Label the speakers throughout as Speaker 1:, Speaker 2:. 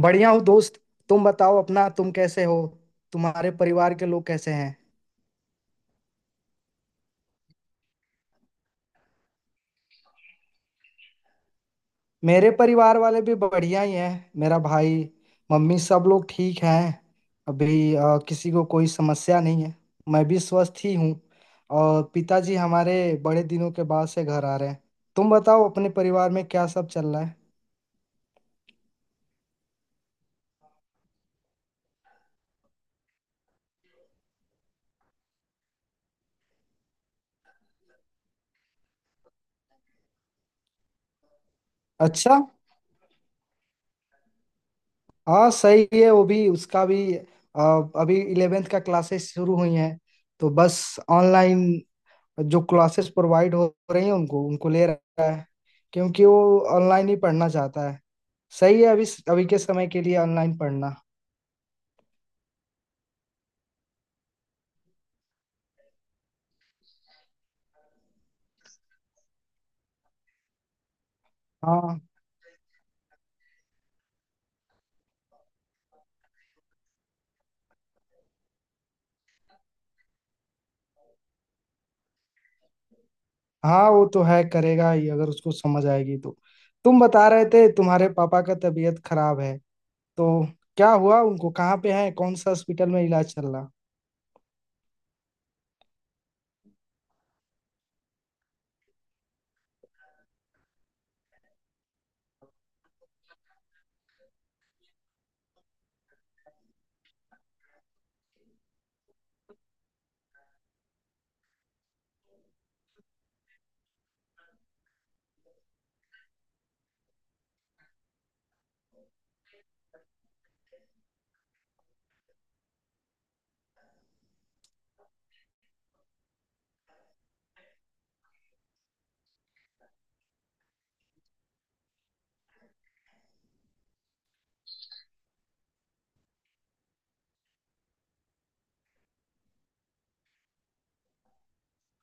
Speaker 1: बढ़िया हो दोस्त। तुम बताओ अपना, तुम कैसे हो? तुम्हारे परिवार के लोग कैसे हैं? मेरे परिवार वाले भी बढ़िया ही हैं। मेरा भाई, मम्मी, सब लोग ठीक हैं। अभी किसी को कोई समस्या नहीं है। मैं भी स्वस्थ ही हूँ। और पिताजी हमारे बड़े दिनों के बाद से घर आ रहे हैं। तुम बताओ, अपने परिवार में क्या सब चल रहा है? अच्छा। हाँ सही है, वो भी, उसका भी अभी इलेवेंथ का क्लासेस शुरू हुई हैं। तो बस ऑनलाइन जो क्लासेस प्रोवाइड हो रही हैं उनको उनको ले रहा है। क्योंकि वो ऑनलाइन ही पढ़ना चाहता है। सही है अभी, अभी के समय के लिए ऑनलाइन पढ़ना। हाँ। हाँ वो तो है, करेगा ही अगर उसको समझ आएगी तो। तुम बता रहे थे तुम्हारे पापा का तबीयत खराब है, तो क्या हुआ उनको? कहाँ पे है, कौन सा हॉस्पिटल में इलाज चल रहा?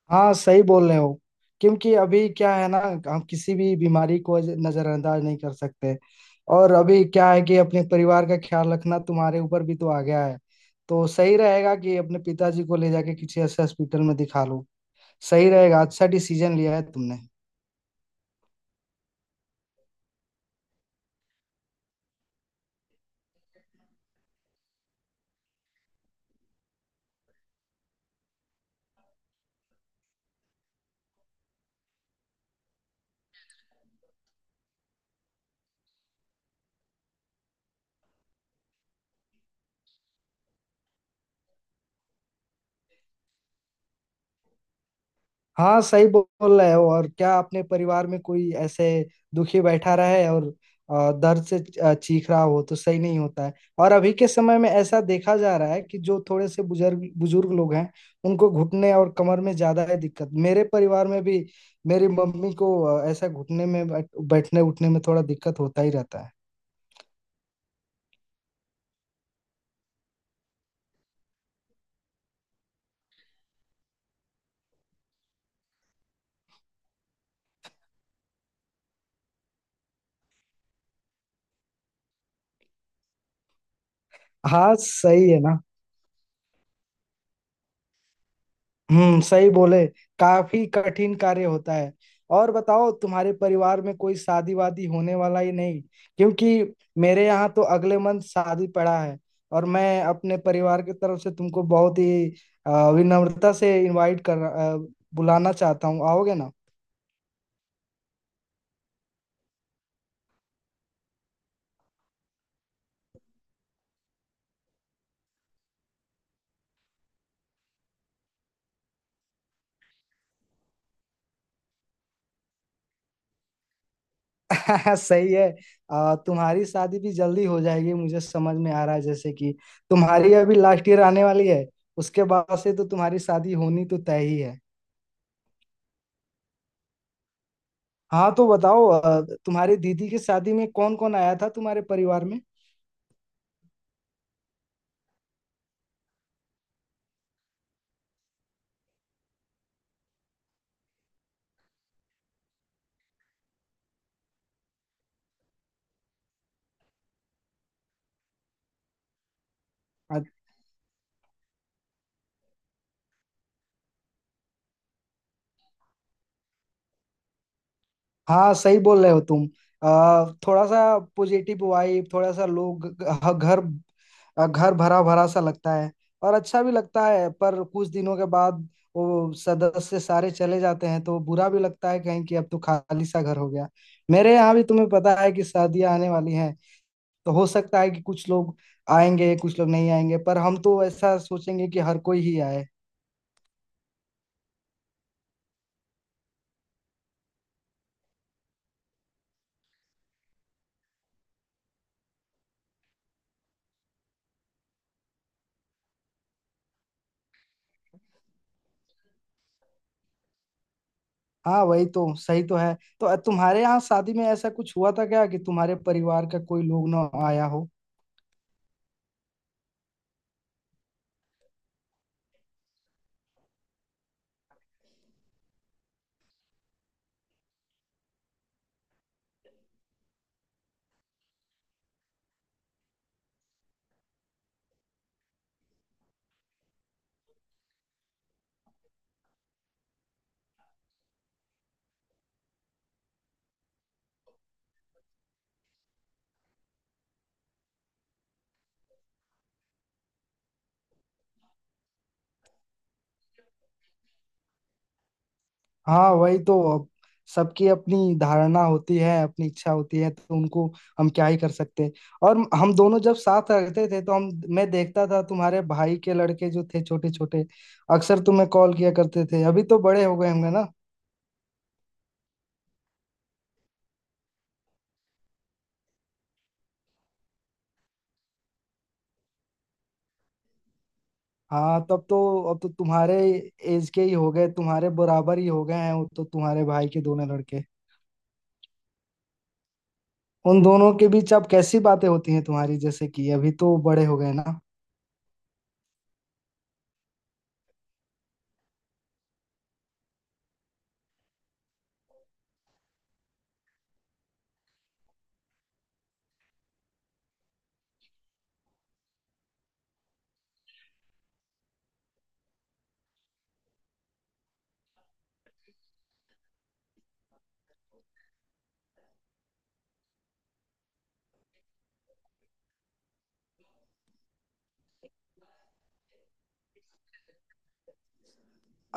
Speaker 1: हाँ सही बोल रहे हो। क्योंकि अभी क्या है ना, हम किसी भी बीमारी को नजरअंदाज नहीं कर सकते। और अभी क्या है कि अपने परिवार का ख्याल रखना तुम्हारे ऊपर भी तो आ गया है। तो सही रहेगा कि अपने पिताजी को ले जाके किसी ऐसे हॉस्पिटल में दिखा लो। सही रहेगा, अच्छा डिसीजन लिया है तुमने। हाँ सही बोल रहे हो। और क्या अपने परिवार में कोई ऐसे दुखी बैठा रहे और दर्द से चीख रहा हो तो सही नहीं होता है। और अभी के समय में ऐसा देखा जा रहा है कि जो थोड़े से बुजुर्ग बुजुर्ग लोग हैं, उनको घुटने और कमर में ज्यादा है दिक्कत। मेरे परिवार में भी मेरी मम्मी को ऐसा घुटने में बैठने उठने में थोड़ा दिक्कत होता ही रहता है। हाँ सही है ना। हम्म, सही बोले। काफी कठिन कार्य होता है। और बताओ, तुम्हारे परिवार में कोई शादी वादी होने वाला ही नहीं? क्योंकि मेरे यहाँ तो अगले मंथ शादी पड़ा है। और मैं अपने परिवार की तरफ से तुमको बहुत ही विनम्रता से बुलाना चाहता हूँ, आओगे ना? सही है। तुम्हारी शादी भी जल्दी हो जाएगी, मुझे समझ में आ रहा है। जैसे कि तुम्हारी अभी लास्ट ईयर आने वाली है, उसके बाद से तो तुम्हारी शादी होनी तो तय ही है। हाँ तो बताओ, तुम्हारी दीदी की शादी में कौन कौन आया था तुम्हारे परिवार में? अ- हाँ सही बोल रहे हो तुम। थोड़ा सा पॉजिटिव वाइब, थोड़ा सा लोग घर, घर भरा भरा सा लगता है। और अच्छा भी लगता है, पर कुछ दिनों के बाद वो सदस्य सारे चले जाते हैं तो बुरा भी लगता है कहीं कि अब तो खाली सा घर हो गया। मेरे यहाँ भी तुम्हें पता है कि शादियां आने वाली हैं। तो हो सकता है कि कुछ लोग आएंगे, कुछ लोग नहीं आएंगे, पर हम तो ऐसा सोचेंगे कि हर कोई ही आए। हाँ वही तो, सही तो है। तो तुम्हारे यहाँ शादी में ऐसा कुछ हुआ था क्या कि तुम्हारे परिवार का कोई लोग ना आया हो? हाँ वही तो अब, सबकी अपनी धारणा होती है, अपनी इच्छा होती है, तो उनको हम क्या ही कर सकते हैं। और हम दोनों जब साथ रहते थे तो हम, मैं देखता था तुम्हारे भाई के लड़के जो थे, छोटे छोटे अक्सर तुम्हें कॉल किया करते थे। अभी तो बड़े हो गए होंगे ना? हाँ तब तो, अब तो तुम्हारे एज के ही हो गए, तुम्हारे बराबर ही हो गए हैं वो तो, तुम्हारे भाई के दोनों लड़के। उन दोनों के बीच अब कैसी बातें होती हैं तुम्हारी, जैसे कि अभी तो बड़े हो गए ना?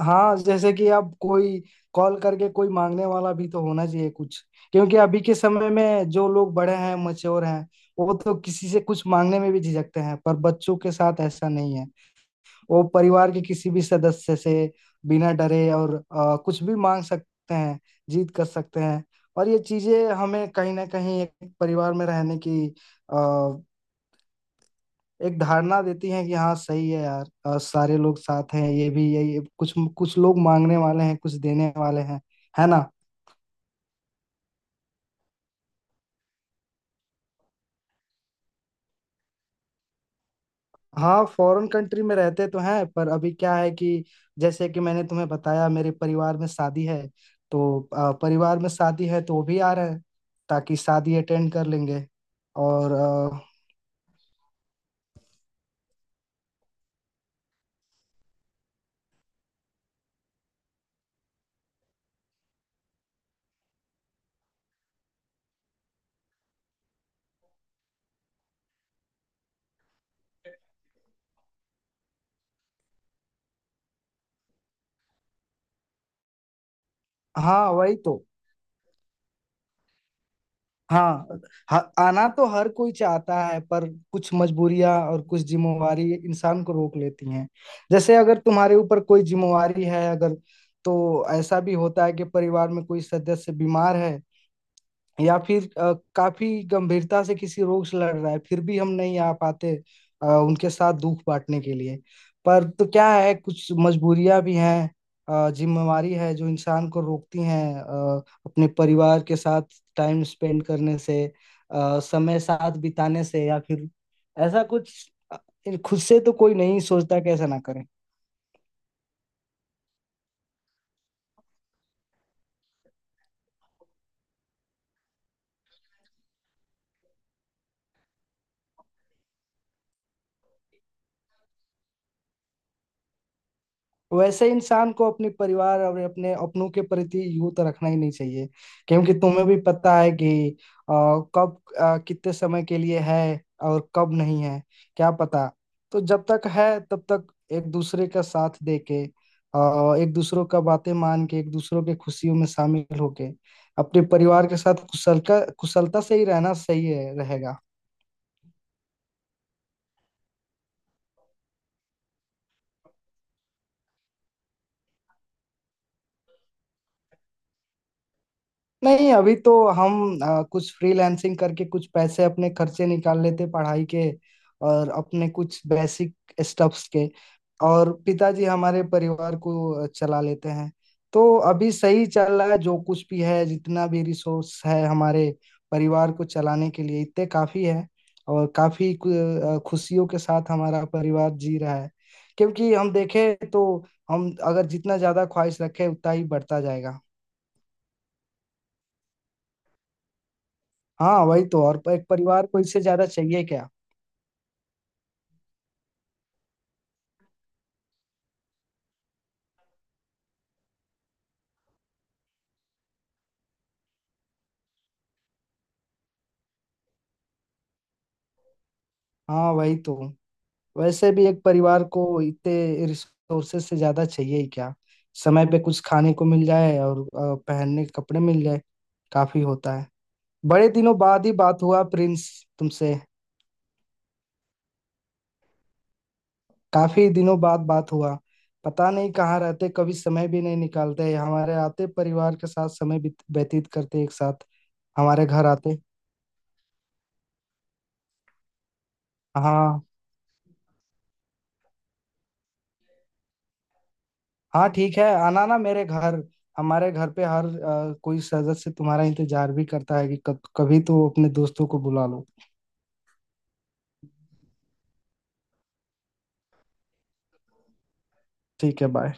Speaker 1: हाँ जैसे कि अब कोई कॉल करके कोई मांगने वाला भी तो होना चाहिए कुछ। क्योंकि अभी के समय में जो लोग बड़े हैं, मच्योर हैं, वो तो किसी से कुछ मांगने में भी झिझकते हैं। पर बच्चों के साथ ऐसा नहीं है। वो परिवार के किसी भी सदस्य से बिना डरे और कुछ भी मांग सकते हैं, जीत कर सकते हैं। और ये चीजें हमें कहीं ना कहीं एक परिवार में रहने की एक धारणा देती हैं कि हाँ सही है यार, और सारे लोग साथ हैं। ये भी यही, कुछ कुछ लोग मांगने वाले हैं, कुछ देने वाले हैं, है ना? हाँ फॉरेन कंट्री में रहते तो हैं, पर अभी क्या है कि जैसे कि मैंने तुम्हें बताया, मेरे परिवार में शादी है। तो परिवार में शादी है तो वो भी आ रहे हैं, ताकि शादी अटेंड कर लेंगे। और हाँ वही तो। हाँ, आना तो हर कोई चाहता है, पर कुछ मजबूरियां और कुछ जिम्मेवारी इंसान को रोक लेती हैं। जैसे अगर तुम्हारे ऊपर कोई जिम्मेवारी है अगर, तो ऐसा भी होता है कि परिवार में कोई सदस्य बीमार है या फिर काफी गंभीरता से किसी रोग से लड़ रहा है, फिर भी हम नहीं आ पाते उनके साथ दुख बांटने के लिए। पर तो क्या है, कुछ मजबूरियां भी हैं, जिम्मेवारी है जो इंसान को रोकती हैं अपने परिवार के साथ टाइम स्पेंड करने से, समय साथ बिताने से। या फिर ऐसा कुछ, खुद से तो कोई नहीं सोचता कैसा ना करे। वैसे इंसान को अपने परिवार और अपने अपनों के प्रति यूं तो रखना ही नहीं चाहिए। क्योंकि तुम्हें भी पता है कि अ, कब, कितने समय के लिए है और कब नहीं है, क्या पता। तो जब तक है तब तक एक दूसरे का साथ दे के, एक दूसरों का बातें मान के, एक दूसरों के खुशियों में शामिल होके अपने परिवार के साथ कुशल का कुशलता से ही रहना सही है रहेगा। नहीं अभी तो हम कुछ फ्रीलांसिंग करके कुछ पैसे अपने खर्चे निकाल लेते पढ़ाई के और अपने कुछ बेसिक स्टफ्स के। और पिताजी हमारे परिवार को चला लेते हैं। तो अभी सही चल रहा है। जो कुछ भी है, जितना भी रिसोर्स है हमारे परिवार को चलाने के लिए इतने काफी है। और काफी खुशियों के साथ हमारा परिवार जी रहा है। क्योंकि हम देखें तो हम अगर जितना ज्यादा ख्वाहिश रखें उतना ही बढ़ता जाएगा। हाँ वही तो, और एक परिवार को इससे ज्यादा चाहिए क्या? हाँ वही तो, वैसे भी एक परिवार को इतने रिसोर्सेज से ज्यादा चाहिए ही क्या? समय पे कुछ खाने को मिल जाए और पहनने के कपड़े मिल जाए, काफी होता है। बड़े दिनों बाद ही बात हुआ प्रिंस तुमसे। काफी दिनों बाद बात हुआ। पता नहीं कहाँ रहते, कभी समय भी नहीं निकालते हमारे आते परिवार के साथ समय व्यतीत करते एक साथ। हमारे घर आते। हाँ। हाँ ठीक है, आना ना मेरे घर। हमारे घर पे हर कोई सदस्य तुम्हारा इंतजार भी करता है कि कब कभी तो अपने दोस्तों को बुला लो। ठीक है बाय।